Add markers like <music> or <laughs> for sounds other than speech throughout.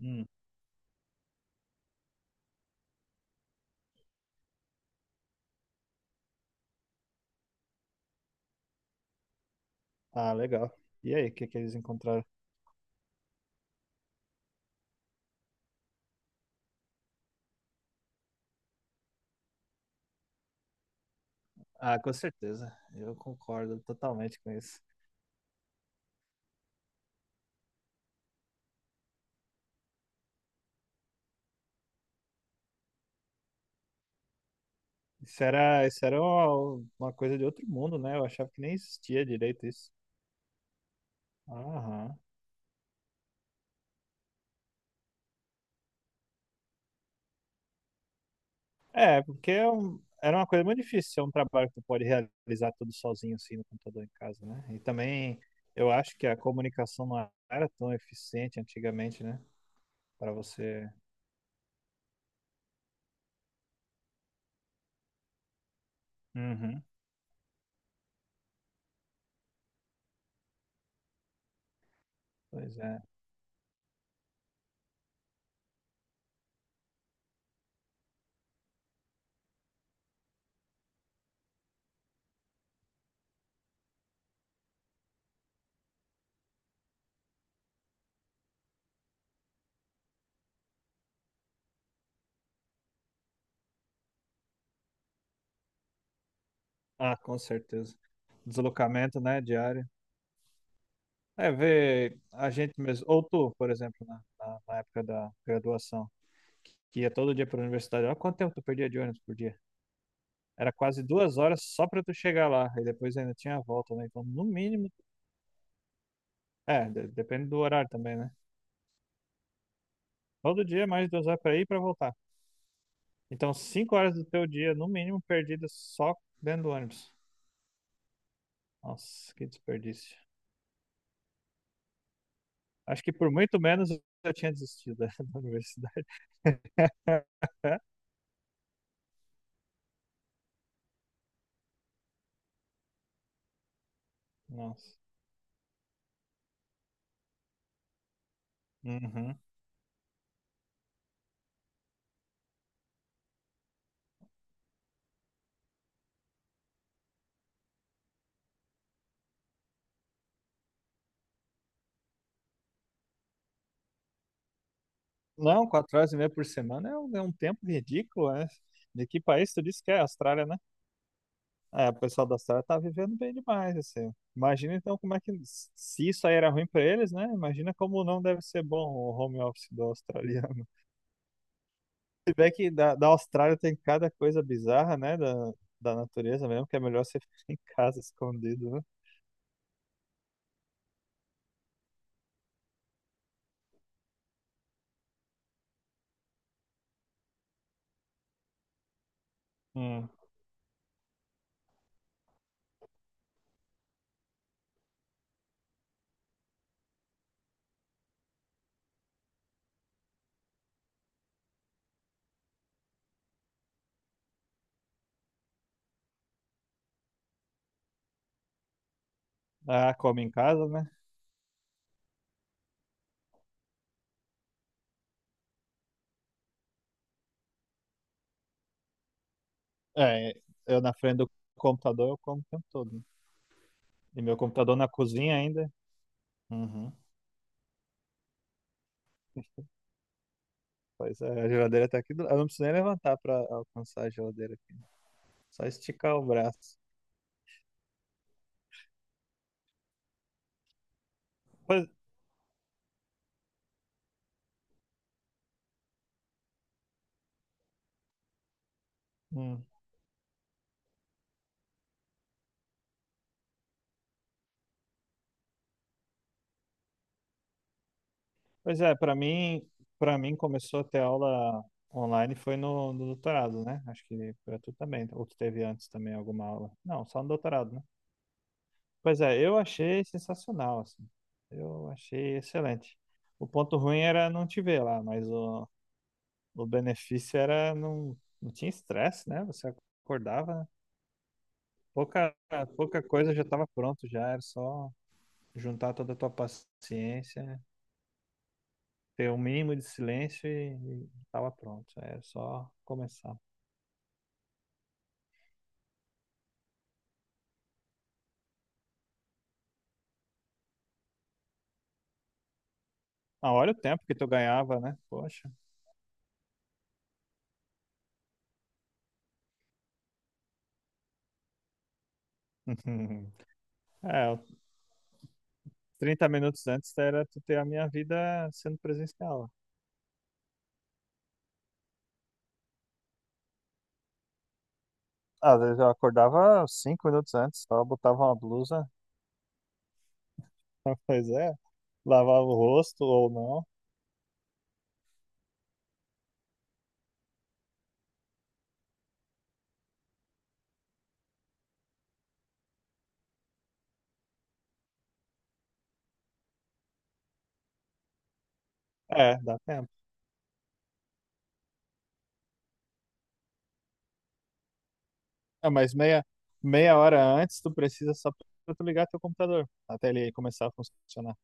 Hum. Ah, legal. E aí, o que que eles encontraram? Ah, com certeza. Eu concordo totalmente com isso. Isso era uma coisa de outro mundo, né? Eu achava que nem existia direito isso. Aham. É, porque era uma coisa muito difícil ser um trabalho que tu pode realizar tudo sozinho, assim, no computador em casa, né? E também eu acho que a comunicação não era tão eficiente antigamente, né? Para você. Uhum. Pois é. Ah, com certeza. Deslocamento, né, diário. É, ver a gente mesmo, ou tu, por exemplo, na época da graduação, que ia todo dia para a universidade, olha quanto tempo tu perdia de ônibus por dia. Era quase duas horas só para tu chegar lá, e depois ainda tinha a volta, né? Então, no mínimo, é, depende do horário também, né? Todo dia mais duas horas para ir e para voltar. Então, cinco horas do teu dia, no mínimo, perdidas só dentro do ônibus. Nossa, que desperdício. Acho que por muito menos eu tinha desistido da <laughs> da universidade. <laughs> Nossa. Uhum. Não, quatro horas e meia por semana é um tempo ridículo, né? De que país tu disse que é? Austrália, né? É, o pessoal da Austrália tá vivendo bem demais, assim. Imagina então como é que, se isso aí era ruim para eles, né? Imagina como não deve ser bom o home office do australiano. <laughs> Se bem que da Austrália tem cada coisa bizarra, né? Da natureza mesmo, que é melhor você <laughs> ficar em casa escondido, né? Hum. Ah, come em casa, né? É, eu na frente do computador eu como o tempo todo, né? E meu computador na cozinha ainda. Uhum. Pois é, a geladeira tá aqui do Eu não preciso nem levantar pra alcançar a geladeira aqui. Só esticar o braço. Pois, hum. Pois é, para mim começou a ter aula online foi no doutorado, né? Acho que pra tu também. Ou tu teve antes também alguma aula? Não, só no doutorado, né? Pois é, eu achei sensacional, assim. Eu achei excelente. O ponto ruim era não te ver lá, mas o benefício era não tinha estresse, né? Você acordava. Pouca, pouca coisa já estava pronto, já era só juntar toda a tua paciência, ter o mínimo de silêncio e estava pronto. É só começar. Ah, olha o tempo que tu ganhava, né? Poxa. <laughs> É, o 30 minutos antes era tu ter a minha vida sendo presencial. Às vezes eu acordava cinco minutos antes, só botava uma blusa, <laughs> pois é, lavava o rosto ou não. É, dá tempo. É, mas meia hora antes tu precisa só pra tu ligar teu computador, até ele começar a funcionar.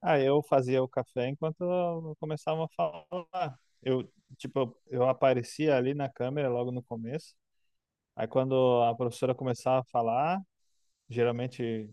Ah, eu fazia o café enquanto eu começava a falar. Eu, tipo, eu aparecia ali na câmera logo no começo. Aí quando a professora começava a falar, geralmente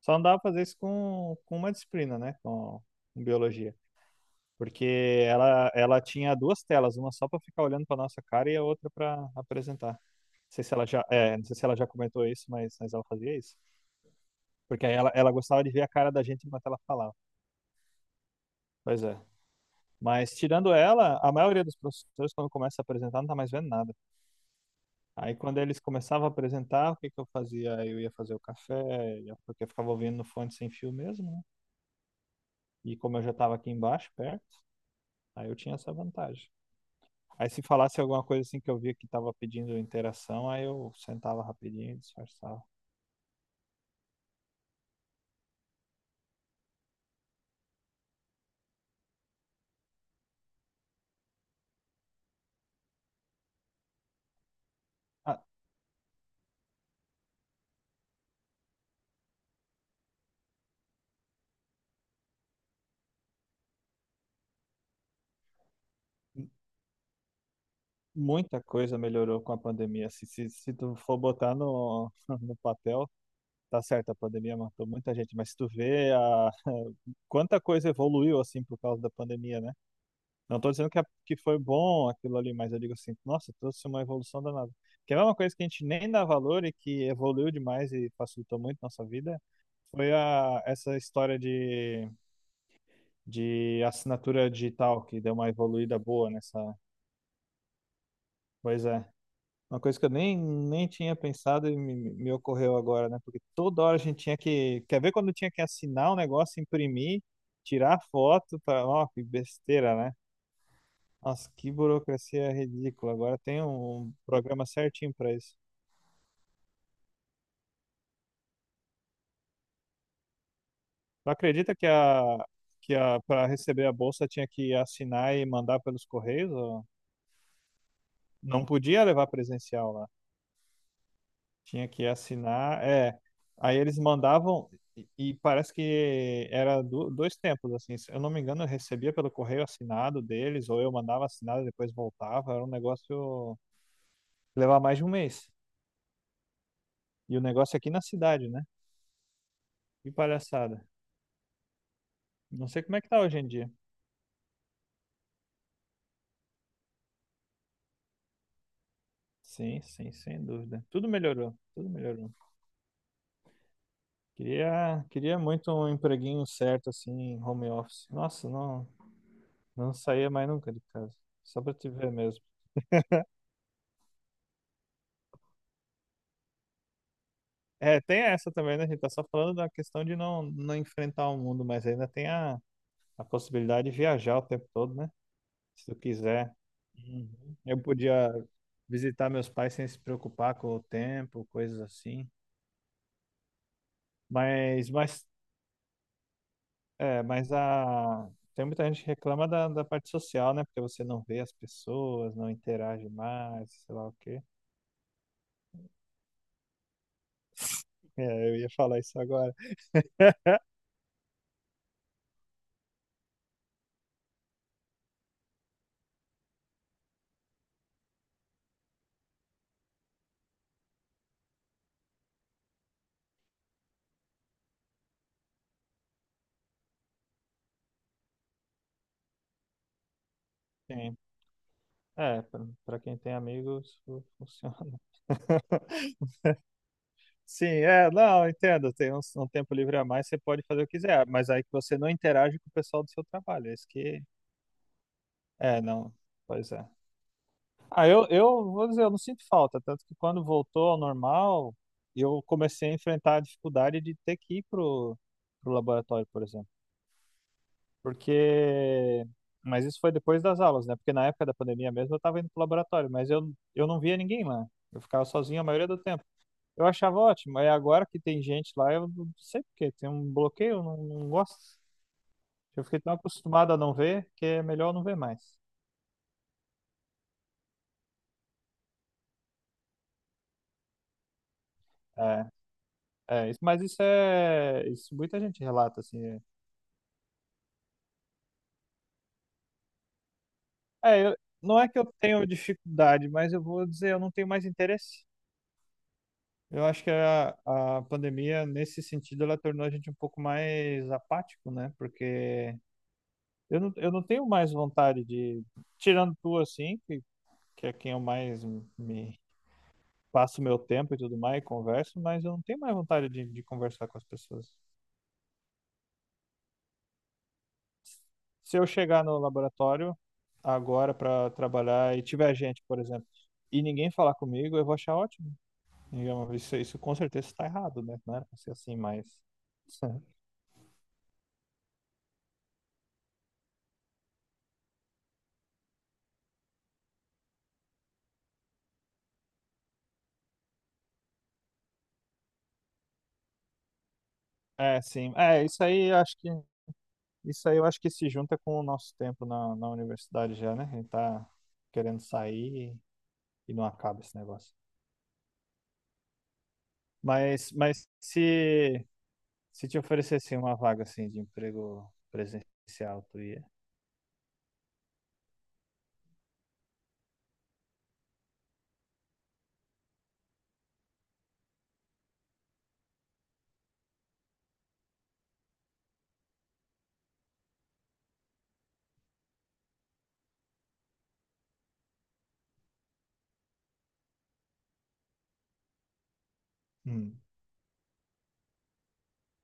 só não dava pra fazer isso com uma disciplina, né? Com biologia. Porque ela tinha duas telas, uma só pra ficar olhando pra nossa cara e a outra pra apresentar. Não sei se ela já, é, não sei se ela já comentou isso, mas ela fazia isso. Porque aí ela gostava de ver a cara da gente enquanto ela falava. Pois é. Mas tirando ela, a maioria dos professores, quando começa a apresentar, não tá mais vendo nada. Aí quando eles começavam a apresentar, o que que eu fazia? Eu ia fazer o café, porque eu ficava ouvindo no fone sem fio mesmo, né? E como eu já estava aqui embaixo, perto, aí eu tinha essa vantagem. Aí se falasse alguma coisa assim que eu via que estava pedindo interação, aí eu sentava rapidinho e disfarçava. Ah, m- muita coisa melhorou com a pandemia. Se tu for botar <laughs> no papel, tá certo, a pandemia matou muita gente, mas se tu vê quanta coisa evoluiu assim por causa da pandemia, né? Não tô dizendo que foi bom aquilo ali, mas eu digo assim, nossa, trouxe uma evolução danada. Que é uma coisa que a gente nem dá valor e que evoluiu demais e facilitou muito nossa vida, essa história de assinatura digital, que deu uma evoluída boa nessa. Pois é. Uma coisa que eu nem tinha pensado e me ocorreu agora, né? Porque toda hora a gente tinha que. Quer ver quando tinha que assinar o negócio, imprimir, tirar foto para. Ó, que besteira, né? Nossa, que burocracia ridícula. Agora tem um programa certinho para isso. Tu acredita que para receber a bolsa tinha que assinar e mandar pelos correios? Ou. Não podia levar presencial lá. Tinha que assinar, é. Aí eles mandavam e parece que era dois tempos, assim. Se eu não me engano, eu recebia pelo correio assinado deles, ou eu mandava assinado e depois voltava. Era um negócio que levava mais de um mês. E o negócio é aqui na cidade, né? Que palhaçada. Não sei como é que tá hoje em dia. Sim, sim, sem dúvida. Tudo melhorou, tudo melhorou. Queria, queria muito um empreguinho certo, assim, em home office. Nossa, não saía mais nunca de casa. Só pra te ver mesmo. É, tem essa também, né? A gente tá só falando da questão de não enfrentar o mundo, mas ainda tem a possibilidade de viajar o tempo todo, né? Se tu quiser. Uhum. Eu podia visitar meus pais sem se preocupar com o tempo, coisas assim. Mas, mas, é, mas a... Tem muita gente que reclama da parte social, né? Porque você não vê as pessoas, não interage mais, sei lá o quê. É, eu ia falar isso agora. Sim. É, pra quem tem amigos, funciona. Sim, é, não, entendo. Tem um tempo livre a mais, você pode fazer o que quiser, mas aí que você não interage com o pessoal do seu trabalho. É isso que. É, não. Pois é. Ah, eu vou dizer, eu não sinto falta, tanto que quando voltou ao normal, eu comecei a enfrentar a dificuldade de ter que ir pro laboratório, por exemplo. Porque. Mas isso foi depois das aulas, né? Porque na época da pandemia mesmo eu estava indo pro laboratório, mas eu não via ninguém lá. Eu ficava sozinho a maioria do tempo. Eu achava ótimo. Aí agora que tem gente lá, eu não sei por quê. Tem um bloqueio, eu não gosto. Eu fiquei tão acostumado a não ver que é melhor não ver mais. É, é, mas isso é. Isso muita gente relata, assim. É, é, não é que eu tenho dificuldade, mas eu vou dizer, eu não tenho mais interesse. Eu acho que a pandemia, nesse sentido, ela tornou a gente um pouco mais apático, né? Porque eu não tenho mais vontade de. Tirando tu, assim, que é quem eu mais me passo meu tempo e tudo mais, converso, mas eu não tenho mais vontade de conversar com as pessoas. Se eu chegar no laboratório agora para trabalhar e tiver gente, por exemplo, e ninguém falar comigo, eu vou achar ótimo. Digamos, isso com certeza está errado, né? Não era pra ser assim, mas. <laughs> É, sim. É, isso aí eu acho que se junta com o nosso tempo na universidade já, né? A gente tá querendo sair e não acaba esse negócio. Mas, mas se Se te oferecessem uma vaga assim de emprego presencial, tu ia? Hum.